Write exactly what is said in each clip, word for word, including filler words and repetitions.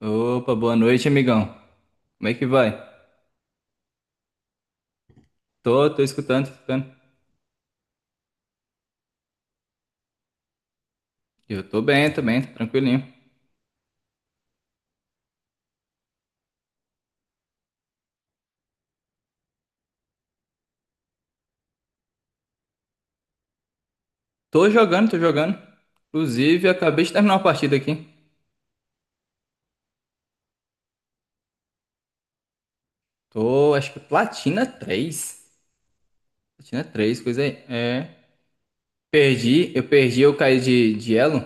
Opa, boa noite, amigão. Como é que vai? Tô, tô escutando, tô escutando. Eu tô bem também, tô tranquilinho. Tô jogando, tô jogando. Inclusive, acabei de terminar uma partida aqui. Tô, acho que Platina três. Platina três, coisa aí. É. Perdi, eu perdi, eu caí de, de elo.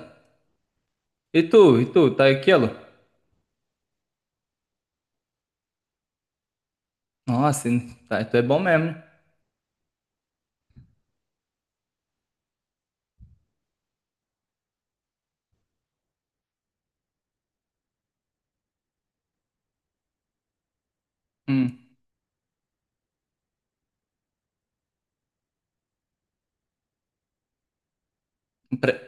E tu, e tu, tá aqui, elo? Nossa, tá, tu é bom mesmo, né? Hum, um pre...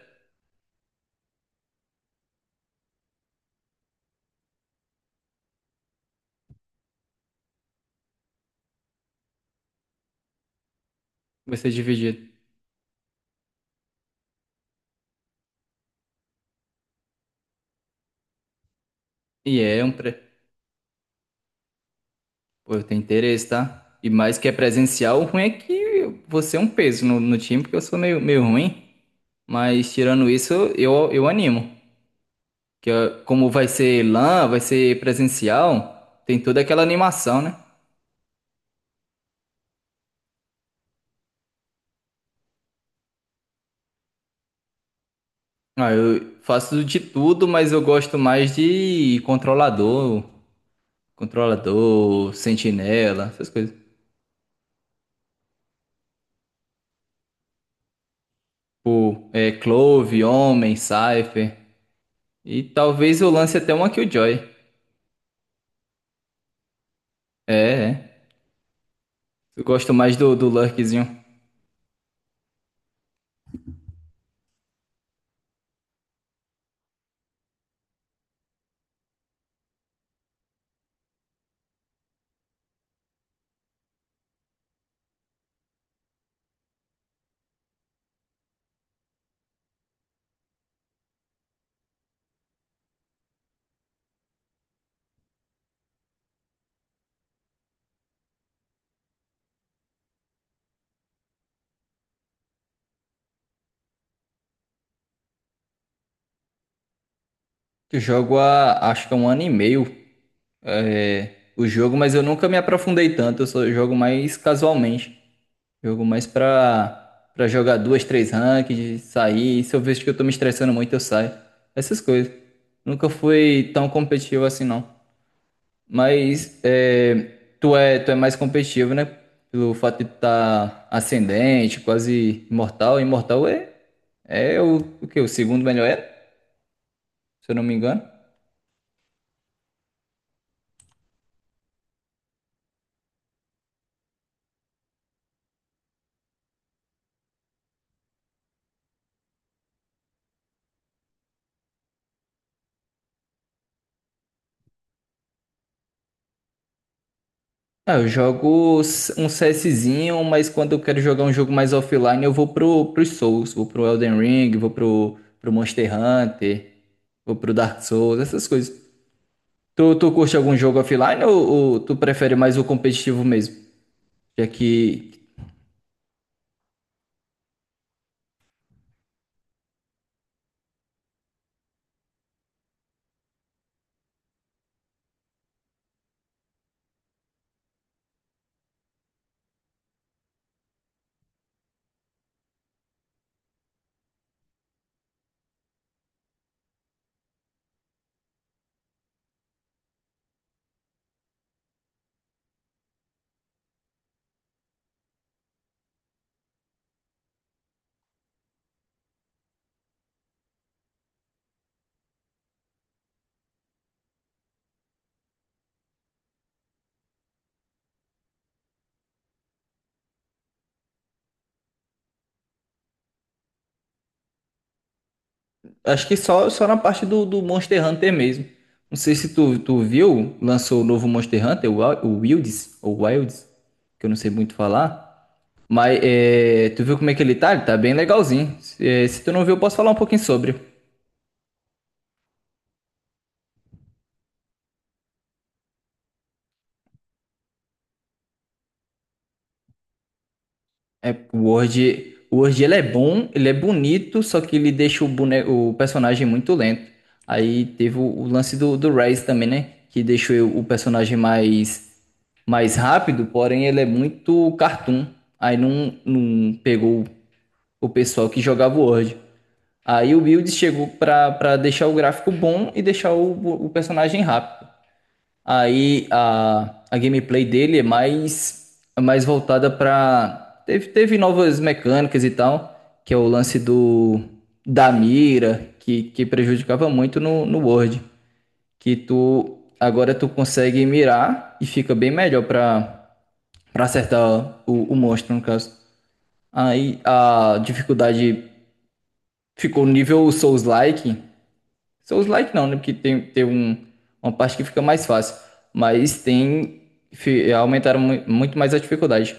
vai ser dividido. E é um pre... Pô, eu tenho interesse, tá? E mais que é presencial, o ruim é que você é um peso no, no time, porque eu sou meio, meio ruim. Mas tirando isso, eu, eu animo. Que ó, como vai ser LAN, vai ser presencial, tem toda aquela animação, né? Ah, eu faço de tudo, mas eu gosto mais de controlador, controlador, sentinela, essas coisas. Tipo, é, Clove, Homem, Cypher. E talvez eu lance até uma Killjoy. É, é. Eu gosto mais do, do Lurkzinho. Eu jogo há, acho que é um ano e meio, é, o jogo, mas eu nunca me aprofundei tanto. Eu só jogo mais casualmente. Jogo mais pra, pra jogar duas, três ranked, sair. E se eu vejo que eu tô me estressando muito, eu saio. Essas coisas. Nunca fui tão competitivo assim, não. Mas é, tu é, tu é mais competitivo, né? Pelo fato de tu tá ascendente, quase imortal. Imortal é, é o, o quê? O segundo melhor era, se eu não me engano. Ah, eu jogo s- um CSzinho, mas quando eu quero jogar um jogo mais offline, eu vou pro, pros Souls, vou pro Elden Ring, vou pro, pro Monster Hunter, vou pro Dark Souls, essas coisas. Tu, tu curte algum jogo offline ou, ou tu prefere mais o competitivo mesmo? Já que acho que só, só na parte do, do Monster Hunter mesmo. Não sei se tu, tu viu, lançou o novo Monster Hunter, o Wa- o Wilds, ou Wilds, que eu não sei muito falar. Mas é, tu viu como é que ele tá? Ele tá bem legalzinho. Se, é, se tu não viu, eu posso falar um pouquinho sobre. É, o Word, o Word ele é bom, ele é bonito, só que ele deixa o, bone, o personagem muito lento. Aí teve o, o lance do, do Rise também, né? Que deixou o personagem mais, mais rápido, porém ele é muito cartoon. Aí não, não pegou o pessoal que jogava o Word. Aí o Build chegou pra, pra deixar o gráfico bom e deixar o, o personagem rápido. Aí a, a gameplay dele é mais, é mais voltada pra. Teve, teve novas mecânicas e tal, que é o lance do da mira, que, que prejudicava muito no, no Word. Que tu agora tu consegue mirar e fica bem melhor pra, pra acertar o, o monstro, no caso. Aí a dificuldade ficou nível Souls-like, Souls like não, né? Porque tem, tem um, uma parte que fica mais fácil. Mas tem. fi- Aumentaram mu- muito mais a dificuldade.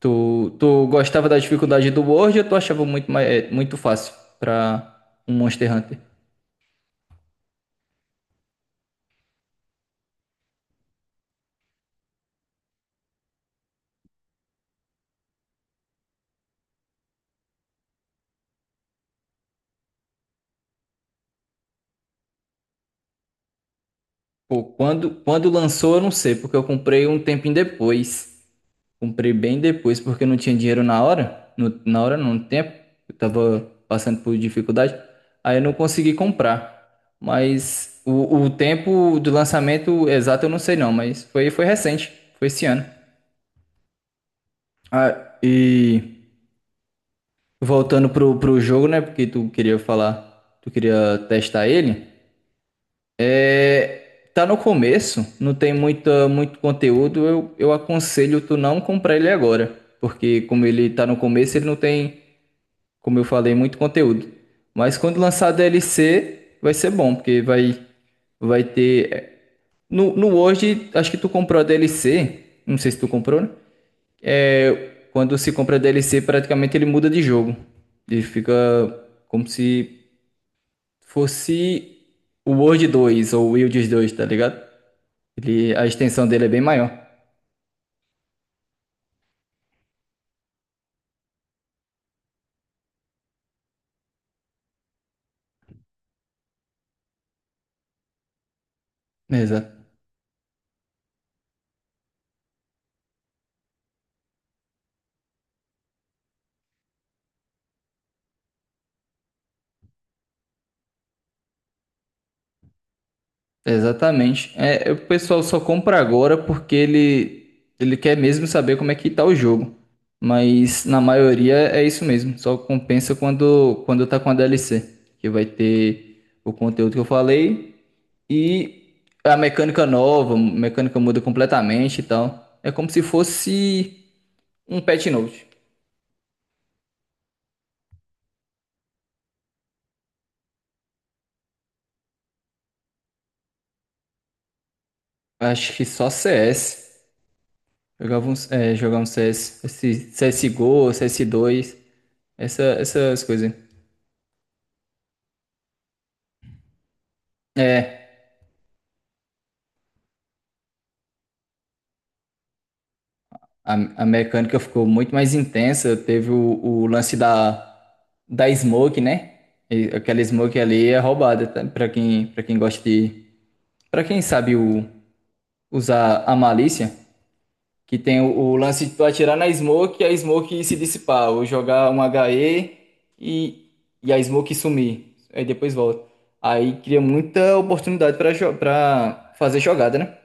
Tu, tu gostava da dificuldade do World ou tu achava muito, mais, é, muito fácil pra um Monster Hunter? Pô, quando, quando lançou, eu não sei, porque eu comprei um tempinho depois. Comprei bem depois porque eu não tinha dinheiro na hora, no- na hora não, no tempo, eu tava passando por dificuldade, aí eu não consegui comprar. Mas o, o tempo do lançamento exato eu não sei não, mas foi, foi recente, foi esse ano. Ah, e voltando pro, pro jogo, né, porque tu queria falar, tu queria testar ele. É, tá no começo, não tem muita, muito conteúdo, eu, eu aconselho tu não comprar ele agora, porque como ele tá no começo, ele não tem, como eu falei, muito conteúdo. Mas quando lançar a D L C, vai ser bom, porque vai, vai ter. é, No, no Word, acho que tu comprou a D L C. Não sei se tu comprou, né? É, quando se compra a D L C, praticamente ele muda de jogo. Ele fica como se fosse o Word dois ou o Wilds dois, tá ligado? Ele, a extensão dele é bem maior. Exato. Exatamente. É, o pessoal só compra agora porque ele, ele quer mesmo saber como é que tá o jogo. Mas na maioria é isso mesmo. Só compensa quando, quando tá com a D L C. Que vai ter o conteúdo que eu falei e a mecânica nova, a mecânica muda completamente e tal. É como se fosse um patch note. Acho que só C S. Jogava um, é, jogar um C S, esse C S G O, C S dois essa, essas coisas. é A, a mecânica ficou muito mais intensa. Teve o, o lance da, da smoke, né? E aquela smoke ali é roubada, tá? Pra quem, pra quem gosta de. Pra quem sabe o- usar a malícia, que tem o, o lance de tu atirar na smoke e a smoke se dissipar, ou jogar um HE e, e e a smoke sumir. Aí depois volta. Aí cria muita oportunidade pra, jo- pra fazer jogada, né?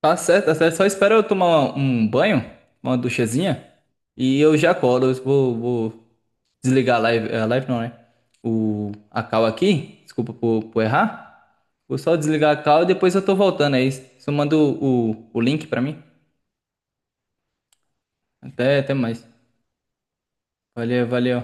Tá certo, tá certo. Só espera eu tomar um banho, uma duchazinha, e eu já colo. Eu vou, vou desligar a live, a live não, né? O, a call aqui. Desculpa por, por errar. Vou só desligar a call e depois eu tô voltando aí. Só manda o, o, o link pra mim. Até, até mais. Valeu, valeu.